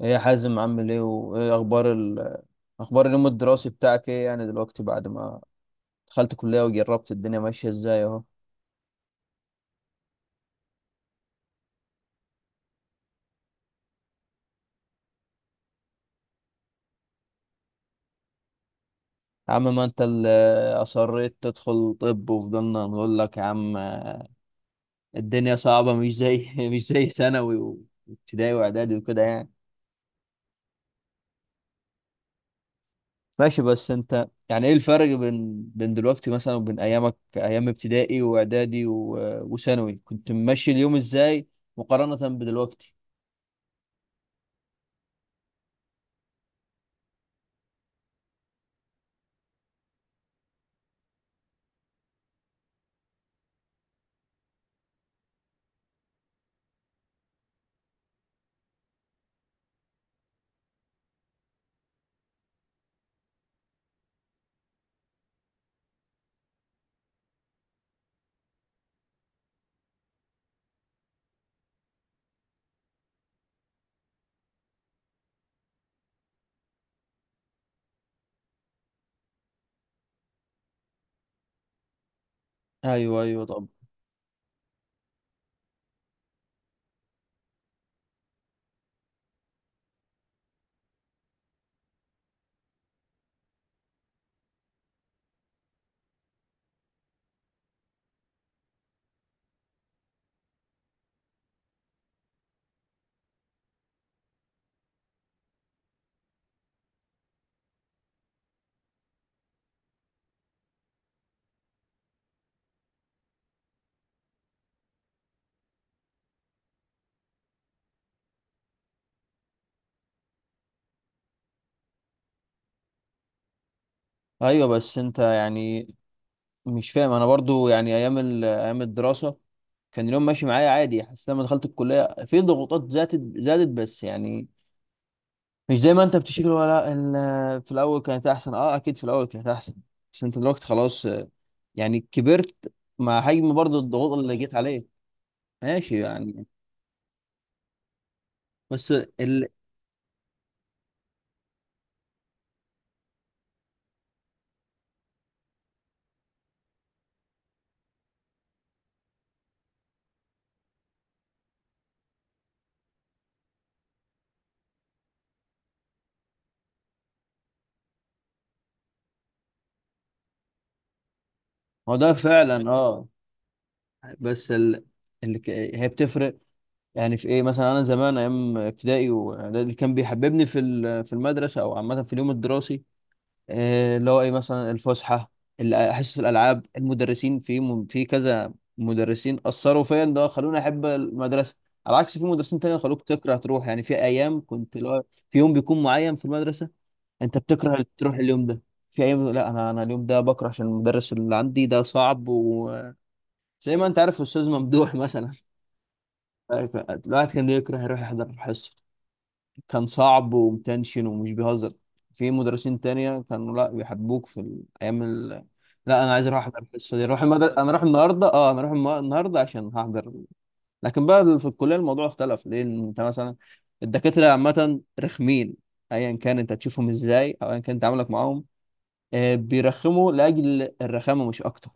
ايه يا حازم، عامل ايه وايه اخبار اخبار اليوم الدراسي بتاعك؟ ايه يعني دلوقتي بعد ما دخلت كلية وجربت الدنيا ماشية ازاي اهو. يا عم، ما انت اللي اصريت تدخل طب، وفضلنا نقول لك يا عم الدنيا صعبة، مش زي مش زي ثانوي وابتدائي واعدادي وكده يعني. ماشي. بس انت يعني ايه الفرق بين دلوقتي مثلا وبين ايامك، ايام ابتدائي واعدادي وثانوي؟ كنت ماشي اليوم ازاي مقارنة بدلوقتي؟ ايوه، ايوه، طب. ايوه. بس انت يعني مش فاهم انا برضو، يعني ايام ايام الدراسه كان اليوم ماشي معايا عادي. حسيت لما دخلت الكليه في ضغوطات زادت زادت، بس يعني مش زي ما انت بتشكل، ولا في الاول كانت احسن. اه، اكيد في الاول كانت احسن. بس انت دلوقتي خلاص، يعني كبرت مع حجم برضو الضغوط اللي جيت عليه. ماشي يعني. بس ال... هو ده فعلا، اه. بس هي بتفرق. يعني في ايه مثلا. انا زمان ايام ابتدائي، وده اللي كان بيحببني في المدرسه، او عامه في اليوم الدراسي. اللي هو ايه، مثلا الفسحه، حصص الالعاب، المدرسين في كذا مدرسين اثروا فيا، ان هو خلوني احب المدرسه. على عكس في مدرسين تانية خلوك تكره تروح. يعني في ايام كنت اللي هو في يوم بيكون معين في المدرسه انت بتكره تروح اليوم ده. في ايام لا، انا اليوم ده بكره عشان المدرس اللي عندي ده صعب، وزي ما انت عارف الاستاذ ممدوح مثلا. الواحد كان يكره يروح يحضر الحصه. كان صعب ومتنشن ومش بيهزر. في مدرسين تانية كانوا لا بيحبوك في الأيام لا، أنا عايز أروح أحضر الحصة دي. أنا أروح النهاردة، أنا أروح النهاردة عشان هحضر. لكن بقى في الكلية الموضوع اختلف، لأن أنت مثلا الدكاترة عامة رخمين. أيا كان أنت تشوفهم إزاي، أو أيا كان تعاملك معاهم، بيرخموا لأجل الرخامة مش أكتر.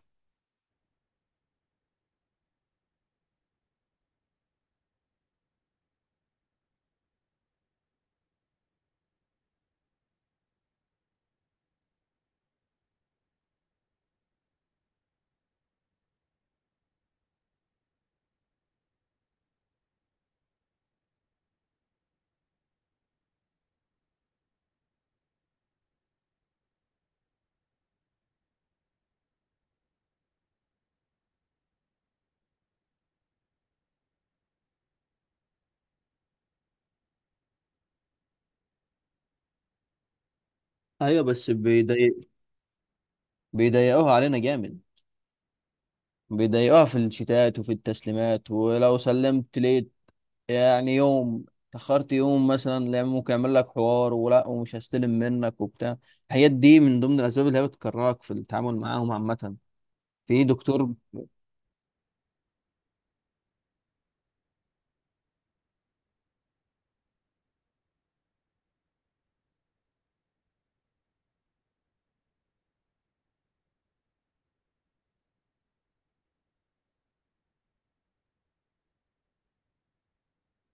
أيوة، بس بيضايقوها علينا جامد. بيضايقوها في الشتات وفي التسليمات، ولو سلمت ليه يعني يوم، تأخرت يوم مثلا، لا ممكن يعمل لك حوار ولا، ومش هستلم منك وبتاع. الحاجات دي من ضمن الأسباب اللي هي بتكرهك في التعامل معاهم عامة. في دكتور،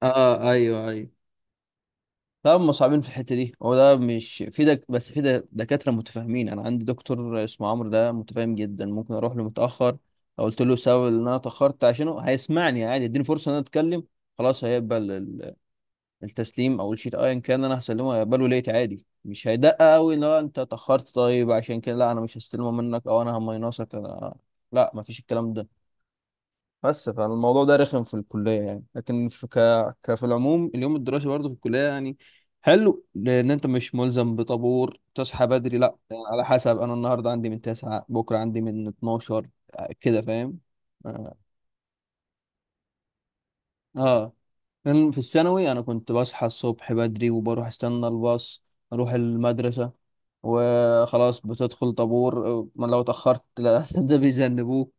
اه ايوه، ايوه، طب هم صعبين في الحتة دي. هو ده مش في بس في دكاترة متفاهمين. أنا عندي دكتور اسمه عمرو، ده متفاهم جدا، ممكن أروح له متأخر. لو قلت له سبب إن أنا اتأخرت عشانه هيسمعني عادي، يديني فرصة إن أنا أتكلم. خلاص، هيقبل التسليم او الشيت ايا كان انا هسلمه، هيقبله ليت عادي، مش هيدقق قوي لا انت اتاخرت طيب عشان كده لا انا مش هستلمه منك او انا هماينصك لا، مفيش الكلام ده. بس فالموضوع ده رخم في الكليه يعني. لكن في ك... ك في العموم اليوم الدراسي برضه في الكليه يعني حلو، لان انت مش ملزم بطابور تصحى بدري. لا، يعني على حسب، انا النهارده عندي من 9، بكره عندي من 12، كده فاهم. آه. اه، كان في الثانوي انا كنت بصحى الصبح بدري، وبروح استنى الباص، اروح المدرسة، وخلاص بتدخل طابور، ما لو اتأخرت الأساتذة بيذنبوك.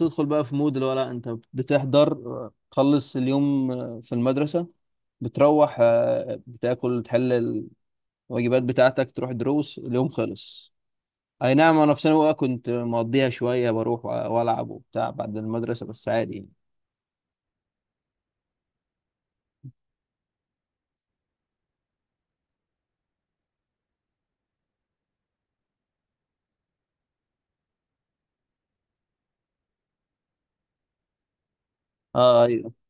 وتدخل بقى في مود اللي هو لا انت بتحضر تخلص اليوم في المدرسة، بتروح، بتاكل، تحل الواجبات بتاعتك، تروح دروس اليوم، خلص. اي نعم. انا في ثانوي بقى كنت مقضيها شوية، بروح والعب وبتاع بعد المدرسة بس عادي يعني. اه أيوه.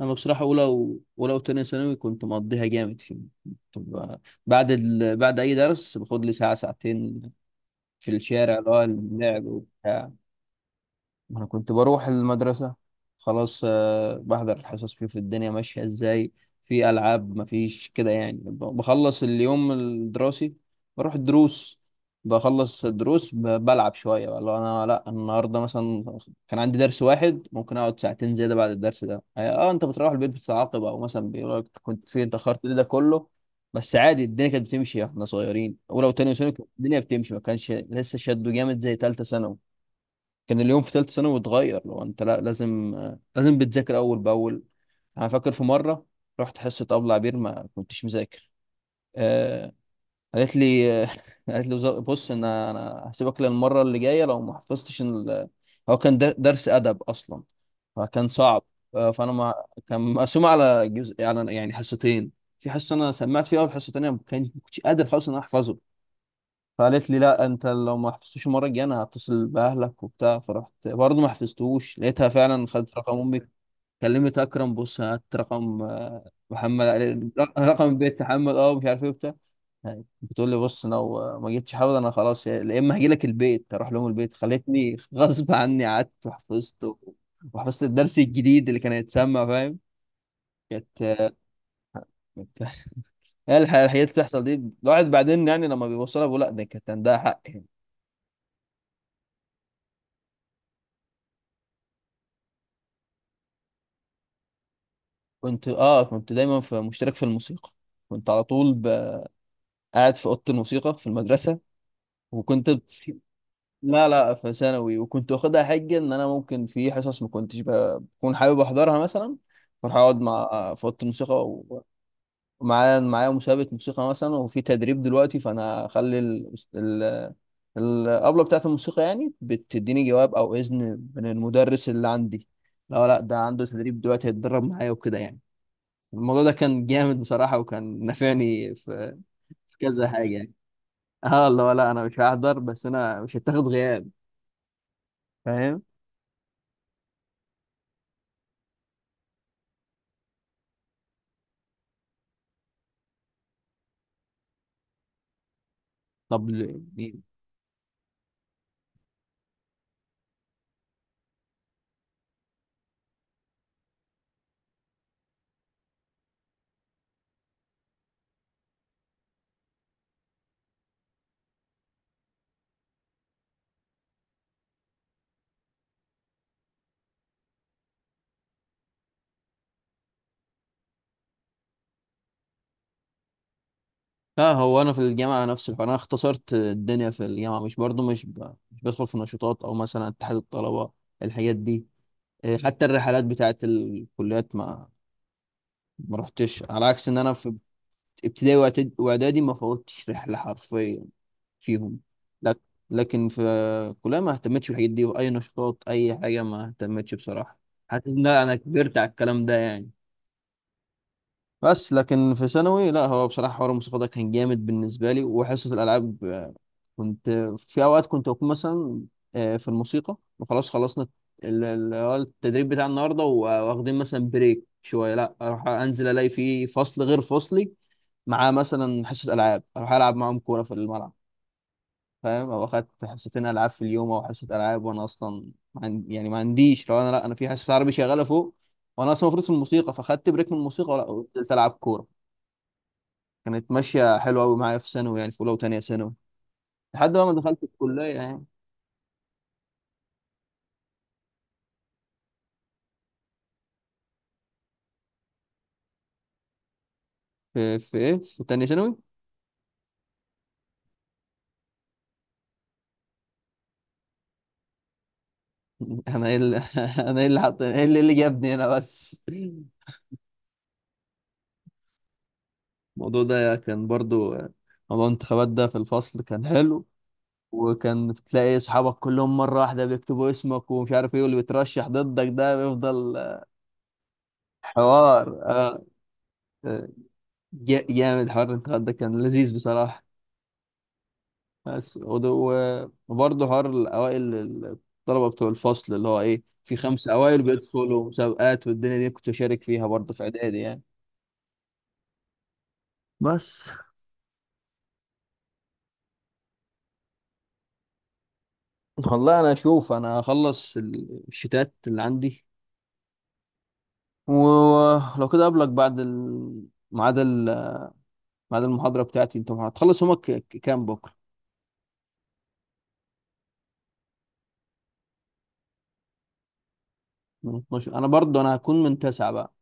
انا بصراحه اولى وتانية ثانوي كنت مقضيها جامد في، طب، بعد بعد اي درس باخد لي ساعه ساعتين في الشارع، اللي هو اللعب وبتاع. ما انا كنت بروح المدرسة خلاص، بحضر الحصص، فيه في الدنيا ماشية ازاي. في ألعاب، مفيش كده يعني. بخلص اليوم الدراسي، بروح الدروس، بخلص الدروس، بلعب شوية بقى. لو انا لا النهاردة مثلا كان عندي درس واحد، ممكن اقعد ساعتين زيادة بعد الدرس ده. اه انت بتروح البيت بتتعاقب، او مثلا بيقول لك كنت فين، اتأخرت ليه، ده كله. بس عادي الدنيا كانت بتمشي، احنا صغيرين. ولو تاني سنة كانت الدنيا بتمشي، ما كانش لسه شده جامد زي تالتة ثانوي. كان اليوم في ثالثه ثانوي اتغير، لو انت لا لازم لازم بتذاكر اول باول. انا فاكر في مره رحت حصه ابله عبير ما كنتش مذاكر. آه قالت لي، قالت لي بص، انا هسيبك للمره اللي جايه لو ما حفظتش هو كان درس ادب اصلا، فكان صعب. فانا ما كان مقسوم على جزء يعني حصتين. في حصه انا سمعت فيها اول حصه، تانيه ما كنتش قادر خالص ان انا احفظه. فقالت لي لا انت لو ما حفظتوش المره الجايه انا هتصل باهلك وبتاع. فرحت برضه ما حفظتوش، لقيتها فعلا خدت رقم امي. كلمت اكرم، بص هات رقم محمد رقم بيت محمد، مش عارف ايه وبتاع. يعني بتقول لي بص لو ما جيتش حافظ انا خلاص يا اما هاجي لك البيت، اروح لهم البيت. خلتني غصب عني قعدت وحفظت وحفظت الدرس الجديد اللي كان هيتسمع، فاهم. كانت. هي الحاجات اللي بتحصل دي الواحد بعدين يعني لما بيوصلها بيقول لا ده كانت عندها حق. كنت دايما في مشترك في الموسيقى، كنت على طول قاعد في اوضه الموسيقى في المدرسه، وكنت لا لا، في ثانوي. وكنت واخدها حجه ان انا ممكن في حصص ما كنتش بكون حابب احضرها مثلا، بروح اقعد مع في اوضه الموسيقى ومعايا مسابقه موسيقى مثلا، وفي تدريب دلوقتي. فانا اخلي الابله بتاعت الموسيقى يعني بتديني جواب او اذن من المدرس اللي عندي، لا لا ده عنده تدريب دلوقتي، هيتدرب معايا وكده يعني. الموضوع ده كان جامد بصراحة، وكان نافعني في كذا حاجة يعني. اه اللي هو لا انا مش هحضر، بس انا مش هتاخد غياب، فاهم. طب ليه؟ اه هو انا في الجامعة نفس الحوار، انا اختصرت الدنيا في الجامعة، مش برضو مش مش بدخل في نشاطات او مثلا اتحاد الطلبة، الحاجات دي، حتى الرحلات بتاعت الكليات ما رحتش، على عكس ان انا في ابتدائي واعدادي ما فوتش رحلة حرفيا فيهم لك. لكن في كلها ما اهتمتش بالحاجات دي، واي نشاطات، اي حاجه ما اهتمتش بصراحه، حتى ان انا كبرت على الكلام ده يعني. بس لكن في ثانوي لا، هو بصراحه حوار الموسيقى ده كان جامد بالنسبه لي، وحصه الالعاب، كنت. في اوقات كنت بكون مثلا في الموسيقى، وخلاص خلصنا التدريب بتاع النهارده، واخدين مثلا بريك شويه، لا اروح انزل الاقي في فصل غير فصلي مع مثلا حصه العاب، اروح العب معاهم كوره في الملعب، فاهم. او اخدت حصتين العاب في اليوم، او حصه العاب وانا اصلا ما عن- يعني ما عنديش. لو انا لا انا في حصه عربي شغاله فوق، وانا اصلا المفروض في الموسيقى، فاخدت بريك من الموسيقى، ولا قلت العب كوره. كانت ماشيه حلوه قوي معايا في ثانوي يعني، في اولى وثانيه ثانوي، لحد بقى ما دخلت الكليه يعني. في ايه؟ في ثانيه ثانوي. انا ايه اللي انا ايه اللي حط ايه اللي, إيه اللي جابني هنا بس. الموضوع ده كان برضو موضوع الانتخابات ده في الفصل كان حلو، وكان بتلاقي اصحابك كلهم مره واحده بيكتبوا اسمك ومش عارف ايه، واللي بيترشح ضدك ده بيفضل. حوار آه، جامد، حوار الانتخابات ده كان لذيذ بصراحه. بس وبرضه حوار الاوائل الطلبه بتوع الفصل اللي هو ايه، في خمسه اوائل بيدخلوا مسابقات، والدنيا دي كنت بشارك فيها برضه في اعدادي يعني. بس والله، انا اشوف انا هخلص الشتات اللي عندي، ولو كده اقابلك بعد ميعاد المحاضرة بتاعتي. انت هتخلص يومك كام بكرة؟ من 12، انا برضو انا هكون من 9 بقى.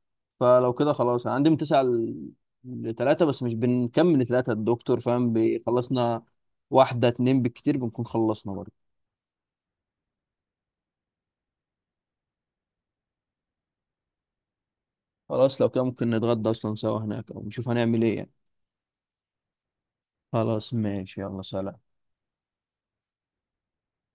فلو كده خلاص، انا عندي من 9 ل 3. بس مش بنكمل 3، الدكتور فاهم بيخلصنا واحدة اتنين بالكتير، بنكون خلصنا برضو. خلاص، لو كده ممكن نتغدى اصلا سوا هناك، او نشوف هنعمل ايه يعني. خلاص ماشي، يلا سلام.